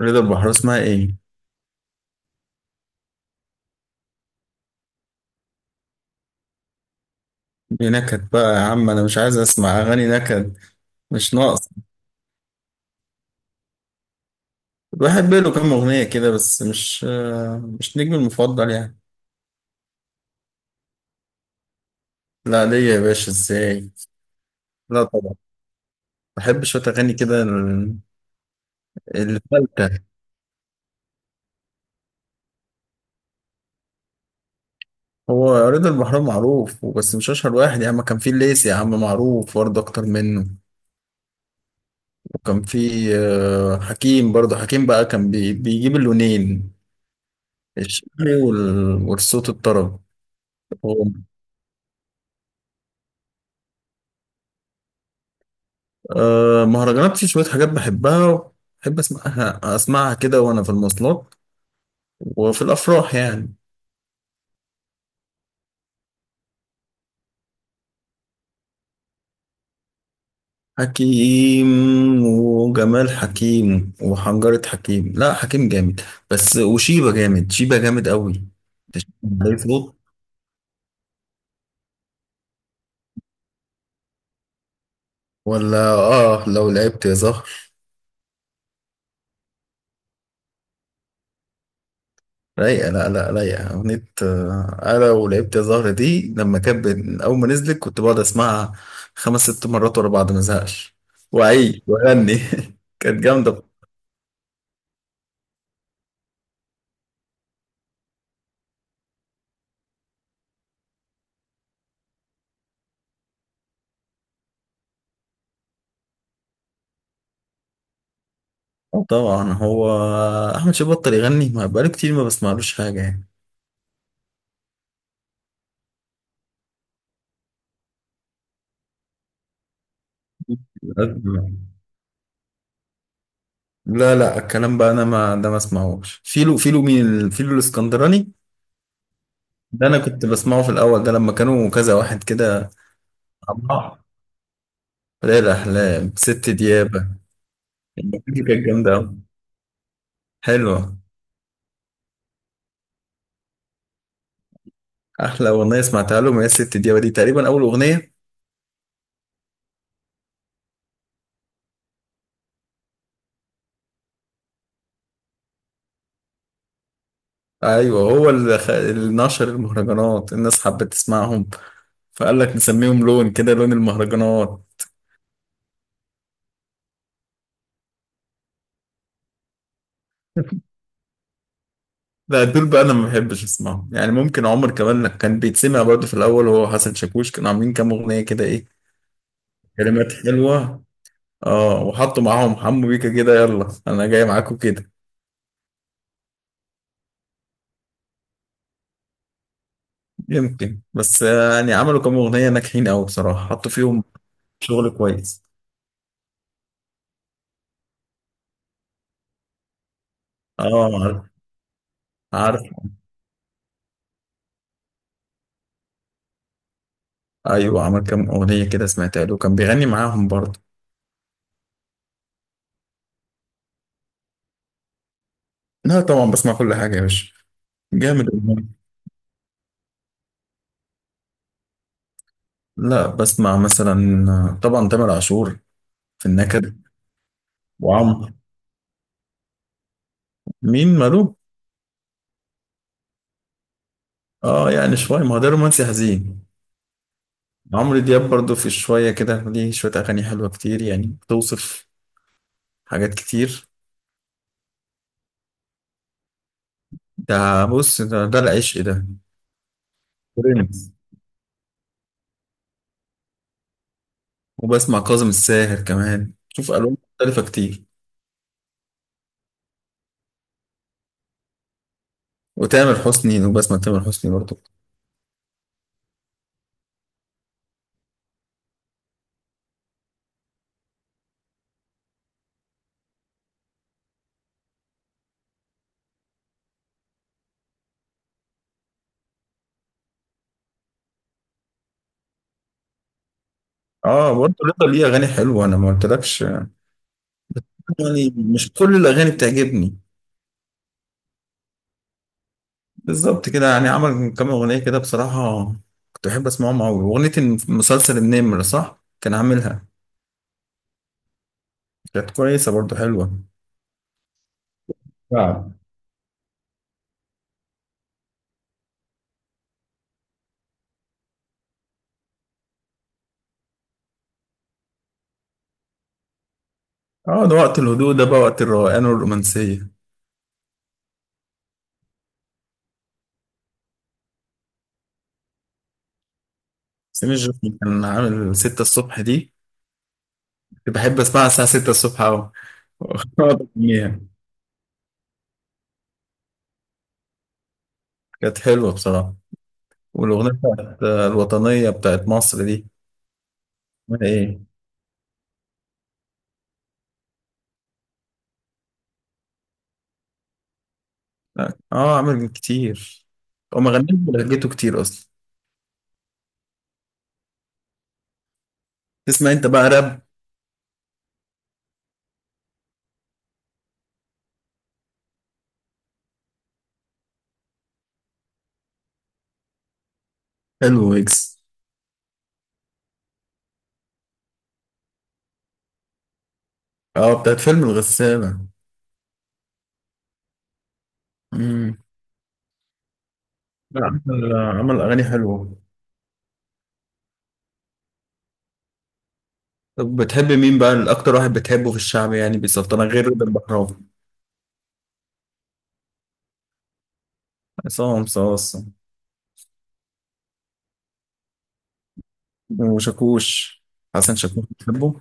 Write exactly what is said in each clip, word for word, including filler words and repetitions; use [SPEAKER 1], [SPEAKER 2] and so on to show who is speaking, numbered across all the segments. [SPEAKER 1] رضا البحراوي اسمها ايه؟ دي نكد بقى يا عم، انا مش عايز اسمع اغاني نكد. مش ناقص. بحب له كام اغنية كده، بس مش آه، مش نجمي المفضل يعني. لا، ليا يا باشا، ازاي؟ لا طبعا. بحب شوية اغاني كده ال- الفلتة. هو رضا البحراوي معروف بس مش اشهر واحد يا عم، كان في الليسي يا عم معروف برضه اكتر منه. وكان في آه، حكيم، برضه حكيم بقى كان بي- بيجيب اللونين، الشعبي وال- والصوت الطرب. آه، مهرجانات، في شوية حاجات بحبها. بحب أسمعها أسمعها كده وأنا في المواصلات، وفي الأفراح يعني. حكيم، وجمال حكيم، وحنجرة حكيم، لا حكيم جامد بس. وشيبة جامد، شيبة جامد قوي. تشوف عليه صوت، ولا آه لو لعبت يا زهر. رايقة، لا لا، رايقة أغنية. آه، أنا ولعبت يا زهرة دي، لما كان بن- أول ما نزلت كنت بقعد أسمعها خمس ست مرات ورا بعض ما أزهقش وأعيد وأغني كانت جامدة. آه، طبعا، هو أحمد شيبة بطل يغني، ما بقاله كتير ما بسمعلوش حاجة يعني. لا لا، الكلام بقى، أنا ما ده ما أسمعهوش. فيلو؟ فيلو مين، فيلو الإسكندراني؟ ده أنا كنت بسمعه في الأول، ده لما كانوا كذا واحد كده مع بعض. ليلة أحلام، ست ديابة. الموسيقى كانت جامدة أوي، حلوة. احلى اغنيه سمعتها لهم هي الست دي دي، تقريبا اول اغنيه. ايوه، هو اللي خ- اللي نشر المهرجانات، الناس حبت تسمعهم. فقال لك نسميهم لون كده، لون المهرجانات. لا، دول بقى انا ما بحبش اسمعهم يعني. ممكن عمر كمان كان بيتسمع برضه في الاول، هو حسن شاكوش كانوا عاملين كام اغنيه كده، ايه كلمات حلوه. اه وحطوا معاهم حمو بيكا كده، يلا انا جاي معاكم كده. يمكن، بس يعني عملوا كام اغنيه ناجحين قوي بصراحه، حطوا فيهم شغل كويس. اه عارف. عارف. ايوه، عمل كام اغنيه كده سمعتها له، كان بيغني معاهم برضه. لا طبعا، بسمع كل حاجه يا باشا. جامد والله. لا، بسمع مثلا طبعا تامر عاشور، في النكد. وعمرو، مين ماله؟ اه يعني شويه، ما هو ده رومانسي حزين. عمرو دياب برضه في شويه كده، ليه شويه اغاني حلوه كتير يعني، بتوصف حاجات كتير. ده بص، ده, ده العشق ده. برنس. وبسمع كاظم الساهر كمان، شوف الوان مختلفه كتير. وتامر حسني، وبسمع تامر حسني برضه. اه برضه رضا ليه اغاني حلوه، انا ما قلتلكش. يعني مش كل الاغاني بتعجبني. بالظبط كده، يعني عمل كام اغنيه كده بصراحه كنت بحب اسمعهم قوي. اغنيه مسلسل النمر، صح، كان عاملها. كانت كويسه برضه، حلوه. نعم. اه، ده وقت الهدوء، ده بقى وقت الروقان والرومانسيه. سمير جوكي كان عامل ستة الصبح دي، كنت بحب اسمعها الساعه ستة الصبح قوي. أقعد أغنيها. كانت حلوه بصراحه. والاغنيه بتاعت آه، الوطنيه بتاعت مصر دي، اسمها ايه؟ لا. اه عمل كتير. هو ما غناش ولا لقيته كتير اصلا. تسمع انت بقى راب؟ حلو ويجز. اه بتاعت فيلم الغسالة. امم. لا، عمل عمل اغاني حلوه. طب بتحب مين بقى الاكتر، واحد بتحبه في الشعب يعني بالظبط انا غير رضا البحراوي. عصام صاصا. وشاكوش؟ حسن شاكوش بتحبه؟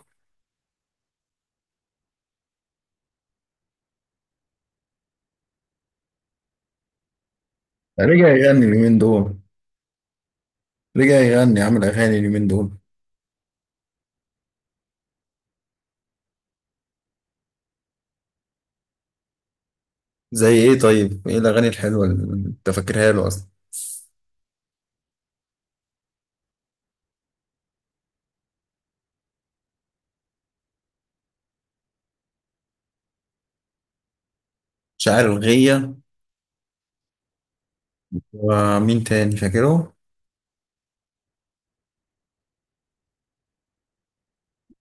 [SPEAKER 1] رجع يغني اليومين دول، رجع يغني عمل اغاني اليومين دول. زي ايه طيب، ايه الاغاني الحلوه اللي انت فاكرها له اصلا؟ شاعر الغية. ومين تاني فاكره؟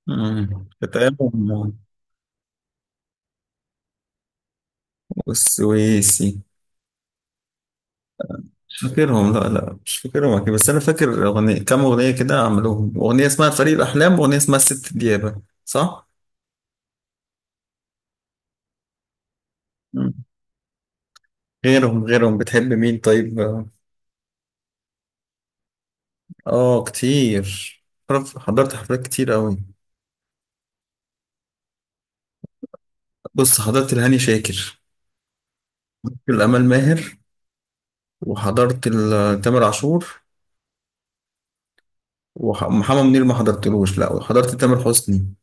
[SPEAKER 1] مم. فتاهم. والسويسي. مش فاكرهم، لا لا مش فاكرهم أكيد. بس أنا فاكر أغنية، كام أغنية كده عملوهم، أغنية اسمها فريق الأحلام وأغنية اسمها الست ديابة، صح؟ مم. غيرهم غيرهم بتحب مين طيب؟ آه كتير. حضرت حضرت حفلات كتير أوي. بص، حضرت الهاني شاكر، الأمال ماهر، وحضرت ال- تامر عاشور، ومحمد منير ما حضرتلوش، لا، وحضرت تامر حسني.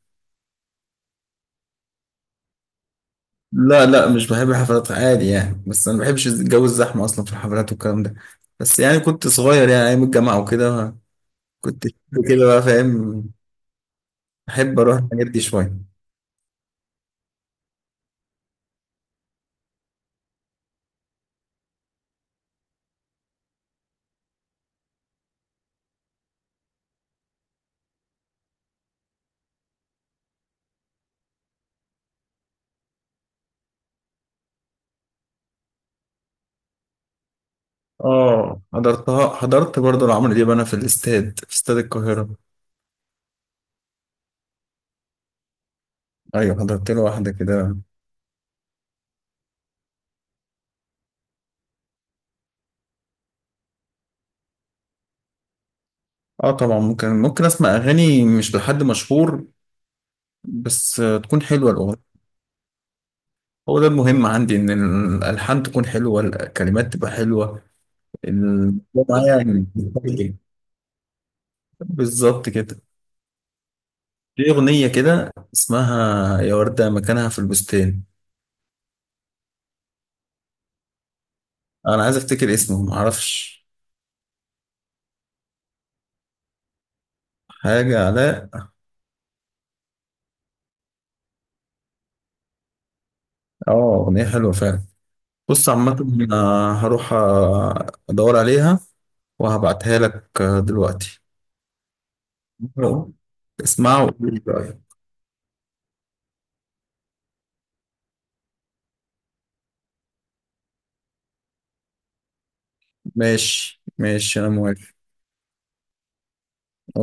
[SPEAKER 1] لا لا، مش بحب الحفلات عادي يعني، بس انا ما بحبش جو الزحمه اصلا في الحفلات والكلام ده. بس يعني كنت صغير يعني، ايام الجامعه وكده كنت كده بقى فاهم، احب اروح الحاجات دي شويه. اه حضرتها، حضرت برضه لعمرو دياب انا، في الاستاد، في استاد القاهره. ايوه حضرت له واحده كده. اه طبعا ممكن ممكن اسمع اغاني مش لحد مشهور، بس آه، تكون حلوه الاغنيه. هو ده المهم عندي، ان الالحان تكون حلوه، الكلمات تبقى حلوه ال- معايا يعني، بالظبط كده. في أغنية كده اسمها يا وردة مكانها في البستان. أنا عايز أفتكر اسمه، معرفش. حاجة علاء. آه أغنية حلوة فعلا. بص عامة، آه، هروح آه، أدور عليها وهبعتها لك آه، دلوقتي. اسمعوا وقولي رأيك. ماشي ماشي، أنا موافق.